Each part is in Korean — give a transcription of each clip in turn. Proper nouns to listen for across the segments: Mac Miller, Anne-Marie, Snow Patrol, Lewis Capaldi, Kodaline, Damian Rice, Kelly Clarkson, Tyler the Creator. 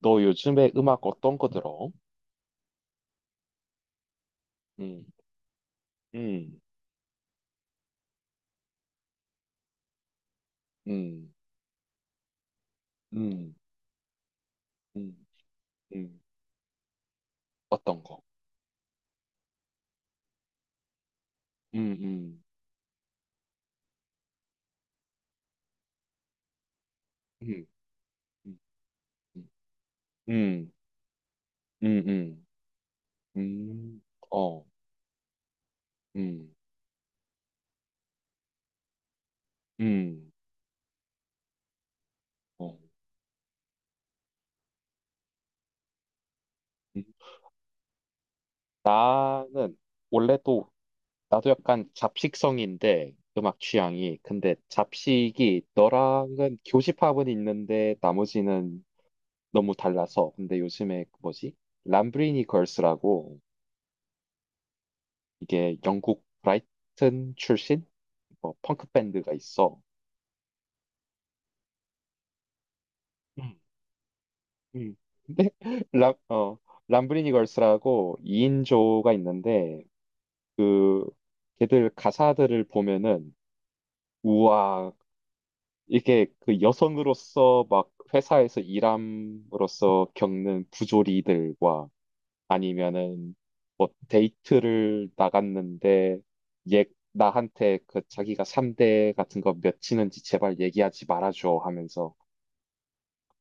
너 요즘에 음악 어떤 거 들어? 음. 음. 음. 음. 음. 음. 어떤 거? 음. 음. 음. 음. 음. 음. 음. 음. 어. 음. 음. 어. 음. 나는 원래 또 나도 약간 잡식성인데 음악 취향이, 근데 잡식이 너랑은 교집합은 있는데 나머지는 너무 달라서. 근데 요즘에 그 뭐지? 람브리니 걸스라고, 이게 영국 브라이튼 출신 뭐 펑크 밴드가 있어. 음. 음. 근데 람, 어, 람브리니 걸스라고 2인조가 있는데, 그 걔들 가사들을 보면은, 우와, 이게 그 여성으로서 막 회사에서 일함으로써 겪는 부조리들과, 아니면은 뭐 데이트를 나갔는데, 얘 나한테 그 자기가 삼대 같은 거 몇 치는지 제발 얘기하지 말아줘 하면서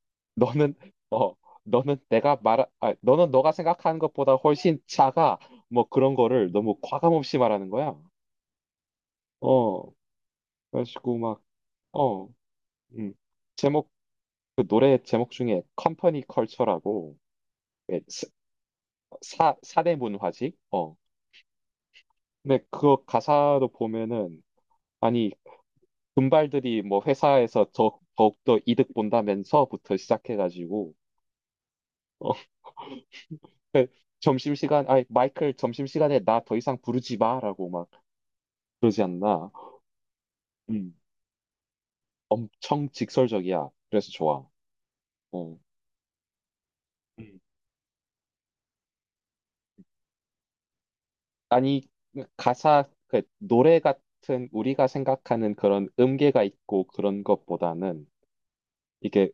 너는, 어, 너는 너는 너가 생각하는 것보다 훨씬 작아, 뭐 그런 거를 너무 과감 없이 말하는 거야. 어, 그래가지고 막, 어, 음. 제목, 그 노래 제목 중에 컴퍼니 컬처라고, 예, 사 사대 문화지, 어. 근데 그 가사로 보면은, 아니, 분발들이 뭐 회사에서 더욱더 이득 본다면서부터 시작해가지고, 어, 점심시간, 아니, 마이클 점심시간에 나 더 이상 부르지 마, 라고 막 그러지 않나. 음. 엄청 직설적이야. 그래서 좋아. 어. 음. 아니, 가사, 그 노래 같은 우리가 생각하는 그런 음계가 있고 그런 것보다는, 이게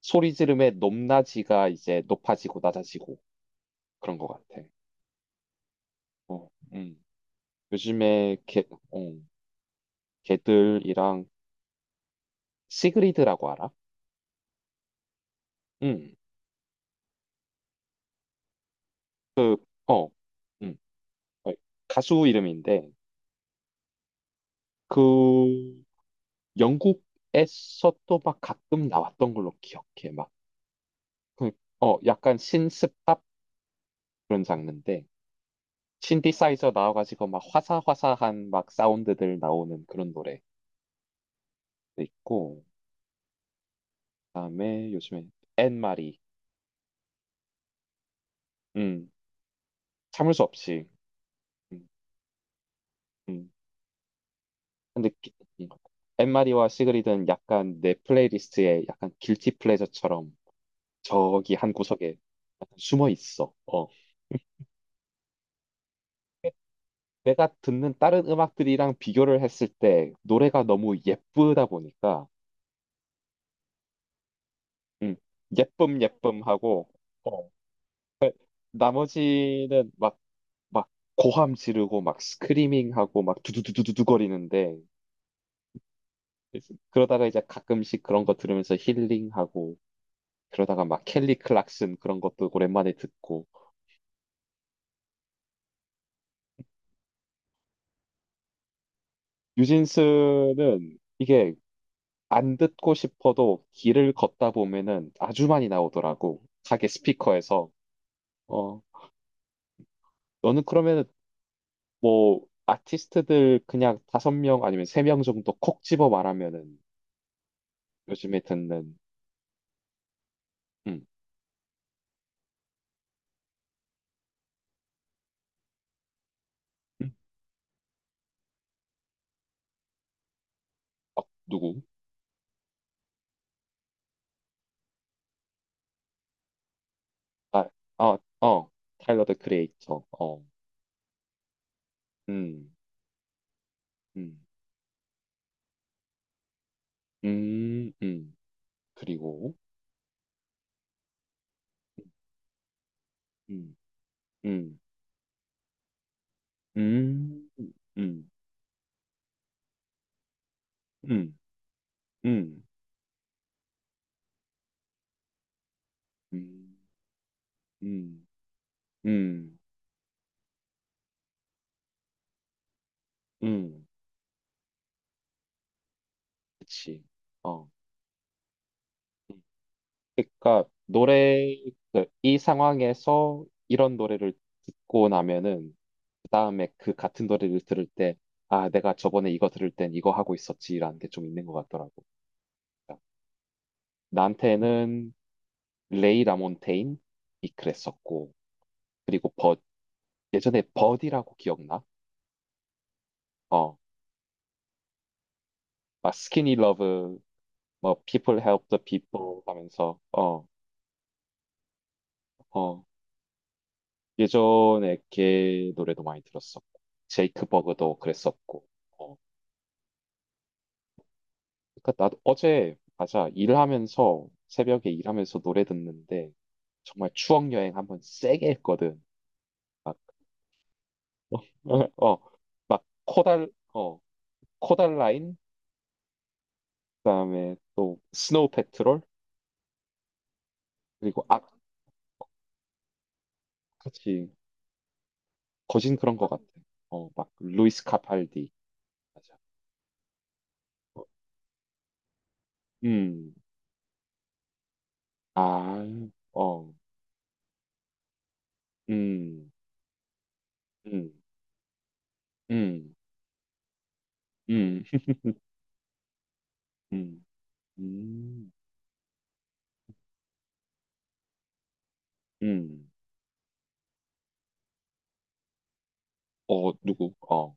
소리 지름의 높낮이가 이제 높아지고 낮아지고, 그런 것 같아. 어. 음. 요즘에 게, 어. 걔들이랑 시그리드라고 알아? 응. 어. 응. 어, 가수 이름인데, 그 영국에서 또 막 가끔 나왔던 걸로 기억해. 막, 그, 약간 신스팝 그런 장르인데, 신디사이저 나와가지고 막 화사화사한 막 사운드들 나오는 그런 노래도 있고, 그다음에 요즘에 앤마리, 음, 참을 수 없이, 음, 음, 느끼는 것 같아요. 엠마리와 시그리드는 약간 내 플레이리스트에 약간 길티 플레저처럼 저기 한 구석에 약간 숨어 있어. 어. 내가 듣는 다른 음악들이랑 비교를 했을 때 노래가 너무 예쁘다 보니까, 음, 예쁨 예쁨 하고, 어, 나머지는 막 막 고함 지르고 막 스크리밍 하고 막 두두두두두 거리는데, 그러다가 이제 가끔씩 그런 거 들으면서 힐링하고, 그러다가 막 켈리 클락슨 그런 것도 오랜만에 듣고. 뉴진스는 이게 안 듣고 싶어도 길을 걷다 보면은 아주 많이 나오더라고, 가게 스피커에서. 어. 너는 그러면은 뭐 아티스트들 그냥 다섯 명 아니면 세 명 정도 콕 집어 말하면은, 요즘에 듣는. 음. 음. 어, 누구? 아, 어, 어, 타일러 더 크리에이터. 어. 음. 음. 음. 음. 그리고. 음. 음. 음. 음. 음. 음. 음. 음. 음. 음. 그치. 어. 그러니까 노래, 그이 상황에서 이런 노래를 듣고 나면은 그 다음에 그 같은 노래를 들을 때, 아, 내가 저번에 이거 들을 땐 이거 하고 있었지라는 게 좀 있는 것 같더라고. 그러니까 나한테는 레이 라몬테인이 그랬었고, 그리고 버, 예전에 버디라고 기억나? 어, 막 스키니 러브, 뭐 People Help the People 하면서, 어, 어, 예전에 걔 노래도 많이 들었었고 제이크 버그도 그랬었고. 어, 그러니까 나도 어제, 맞아, 일하면서 새벽에 일하면서 노래 듣는데 정말 추억 여행 한번 세게 했거든. 막 어, 막 코달라인, 그다음에 또 스노우 패트롤, 그리고 아 그치 거진 그런 것 같아. 어, 막 루이스 카팔디. 맞아. 어. 음. 아. 어. 음. 음. 음. 음. 음. 음. 음. 어, 누구? 어.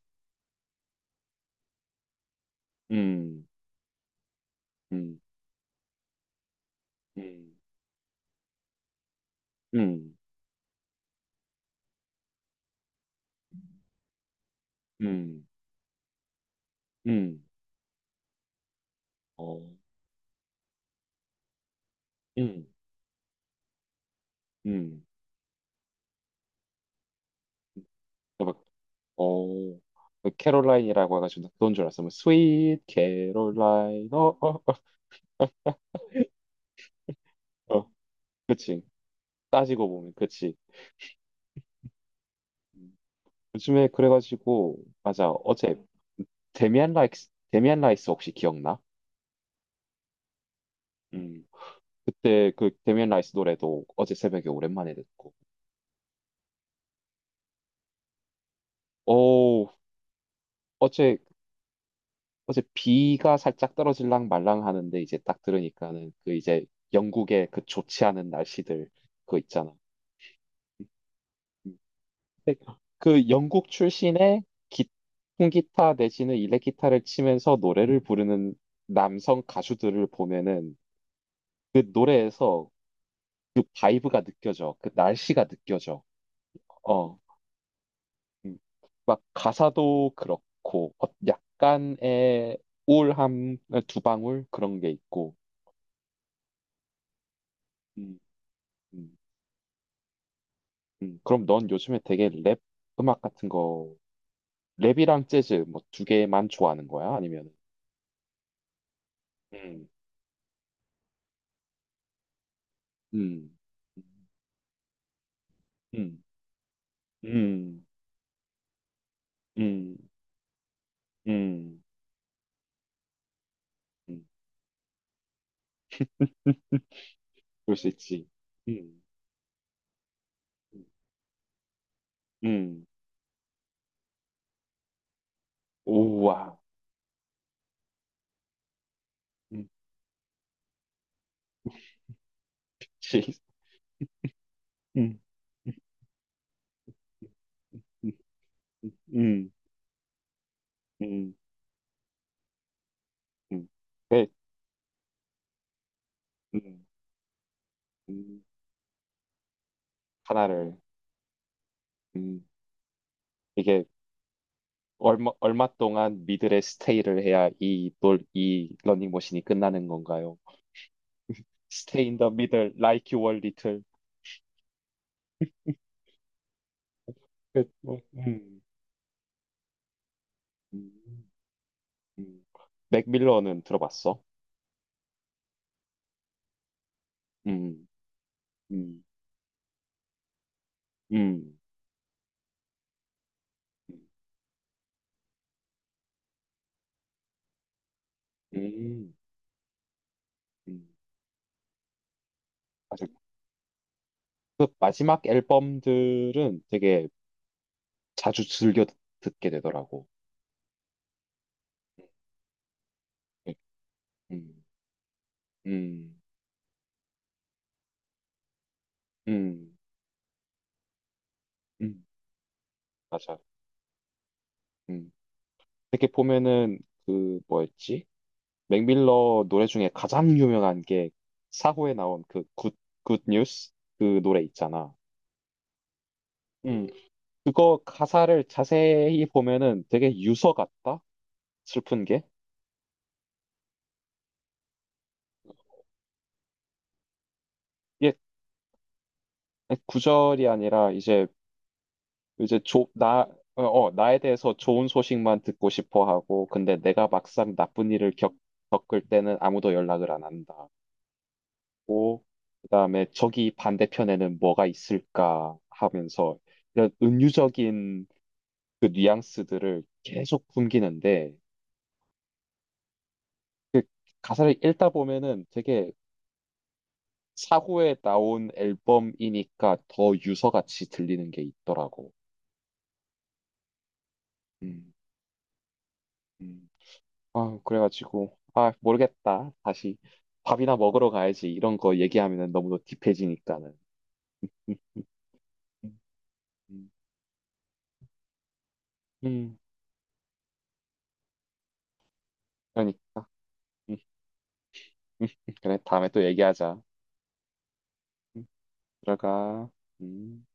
음. 음. 음. 음. 음. 음. 어. 음. 음. 나 막, 어, 그 캐롤라인이라고 해가지고 나 그건 줄 알았어. 뭐, 스윗 캐롤라인, 어, 어, 어, 어. 그치. 따지고 보면, 그치. 음. 요즘에 그래가지고, 맞아, 어제 데미안 라이스, 데미안 라이스 혹시 기억나? 음. 그때 그 데미안 라이스 노래도 어제 새벽에 오랜만에 듣고. 오, 어제, 어제 비가 살짝 떨어질랑 말랑 하는데 이제 딱 들으니까는, 그 이제 영국의 그 좋지 않은 날씨들 그거 있잖아. 음. 그 영국 출신의 기, 통기타 내지는 일렉기타를 치면서 노래를 부르는 남성 가수들을 보면은, 그 노래에서 그 바이브가 느껴져. 그 날씨가 느껴져. 어. 음. 막 가사도 그렇고, 어, 약간의 우울함, 두 방울, 그런 게 있고. 음. 음. 음. 그럼 넌 요즘에 되게 랩 음악 같은 거, 랩이랑 재즈 뭐 두 개만 좋아하는 거야? 아니면 음, 음, 음, 음, 음, 음, 음. 그럴 수 있지. 음, 음, 음. 우와. 음. 치. 음. 음. 음. 음. 음. 그, 음, 음, 하나를, 음, 이게 얼마, 얼마 동안 미들에 스테이를 해야 이, 놀, 이 러닝머신이 끝나는 건가요? Stay in the middle, like you were little. 그, 뭐, 음, 음. 맥밀런은 들어봤어? 음. 음. 음. 음. 음. 맞아. 그 마지막 앨범들은 되게 자주 듣게 되더라고. 네. 음. 음. 음. 음. 맞아. 음. 이렇게 보면은 그 뭐였지? 맥밀러 노래 중에 가장 유명한 게 사호에 나온 그 굿, 굿 뉴스 그 노래 있잖아. 음. 그거 가사를 자세히 보면은 되게 유서 같다? 슬픈 게? 이게 구절이 아니라 이제, 이제 조, 나, 어, 어, 나에 대해서 좋은 소식만 듣고 싶어 하고, 근데 내가 막상 나쁜 일을 겪, 겪을 때는 아무도 연락을 안 한다고, 그다음에 저기 반대편에는 뭐가 있을까 하면서 이런 은유적인 그 뉘앙스들을 계속 풍기는데, 가사를 읽다 보면은 되게 사후에 나온 앨범이니까 더 유서같이 들리는 게 있더라고. 음. 음. 아, 그래가지고 아 모르겠다. 다시 밥이나 먹으러 가야지. 이런 거 얘기하면은 너무 딥해지니까는. 음. 음. 음. 그러니까. 음. 음. 음. 그래, 다음에 또 얘기하자. 음. 들어가. 음.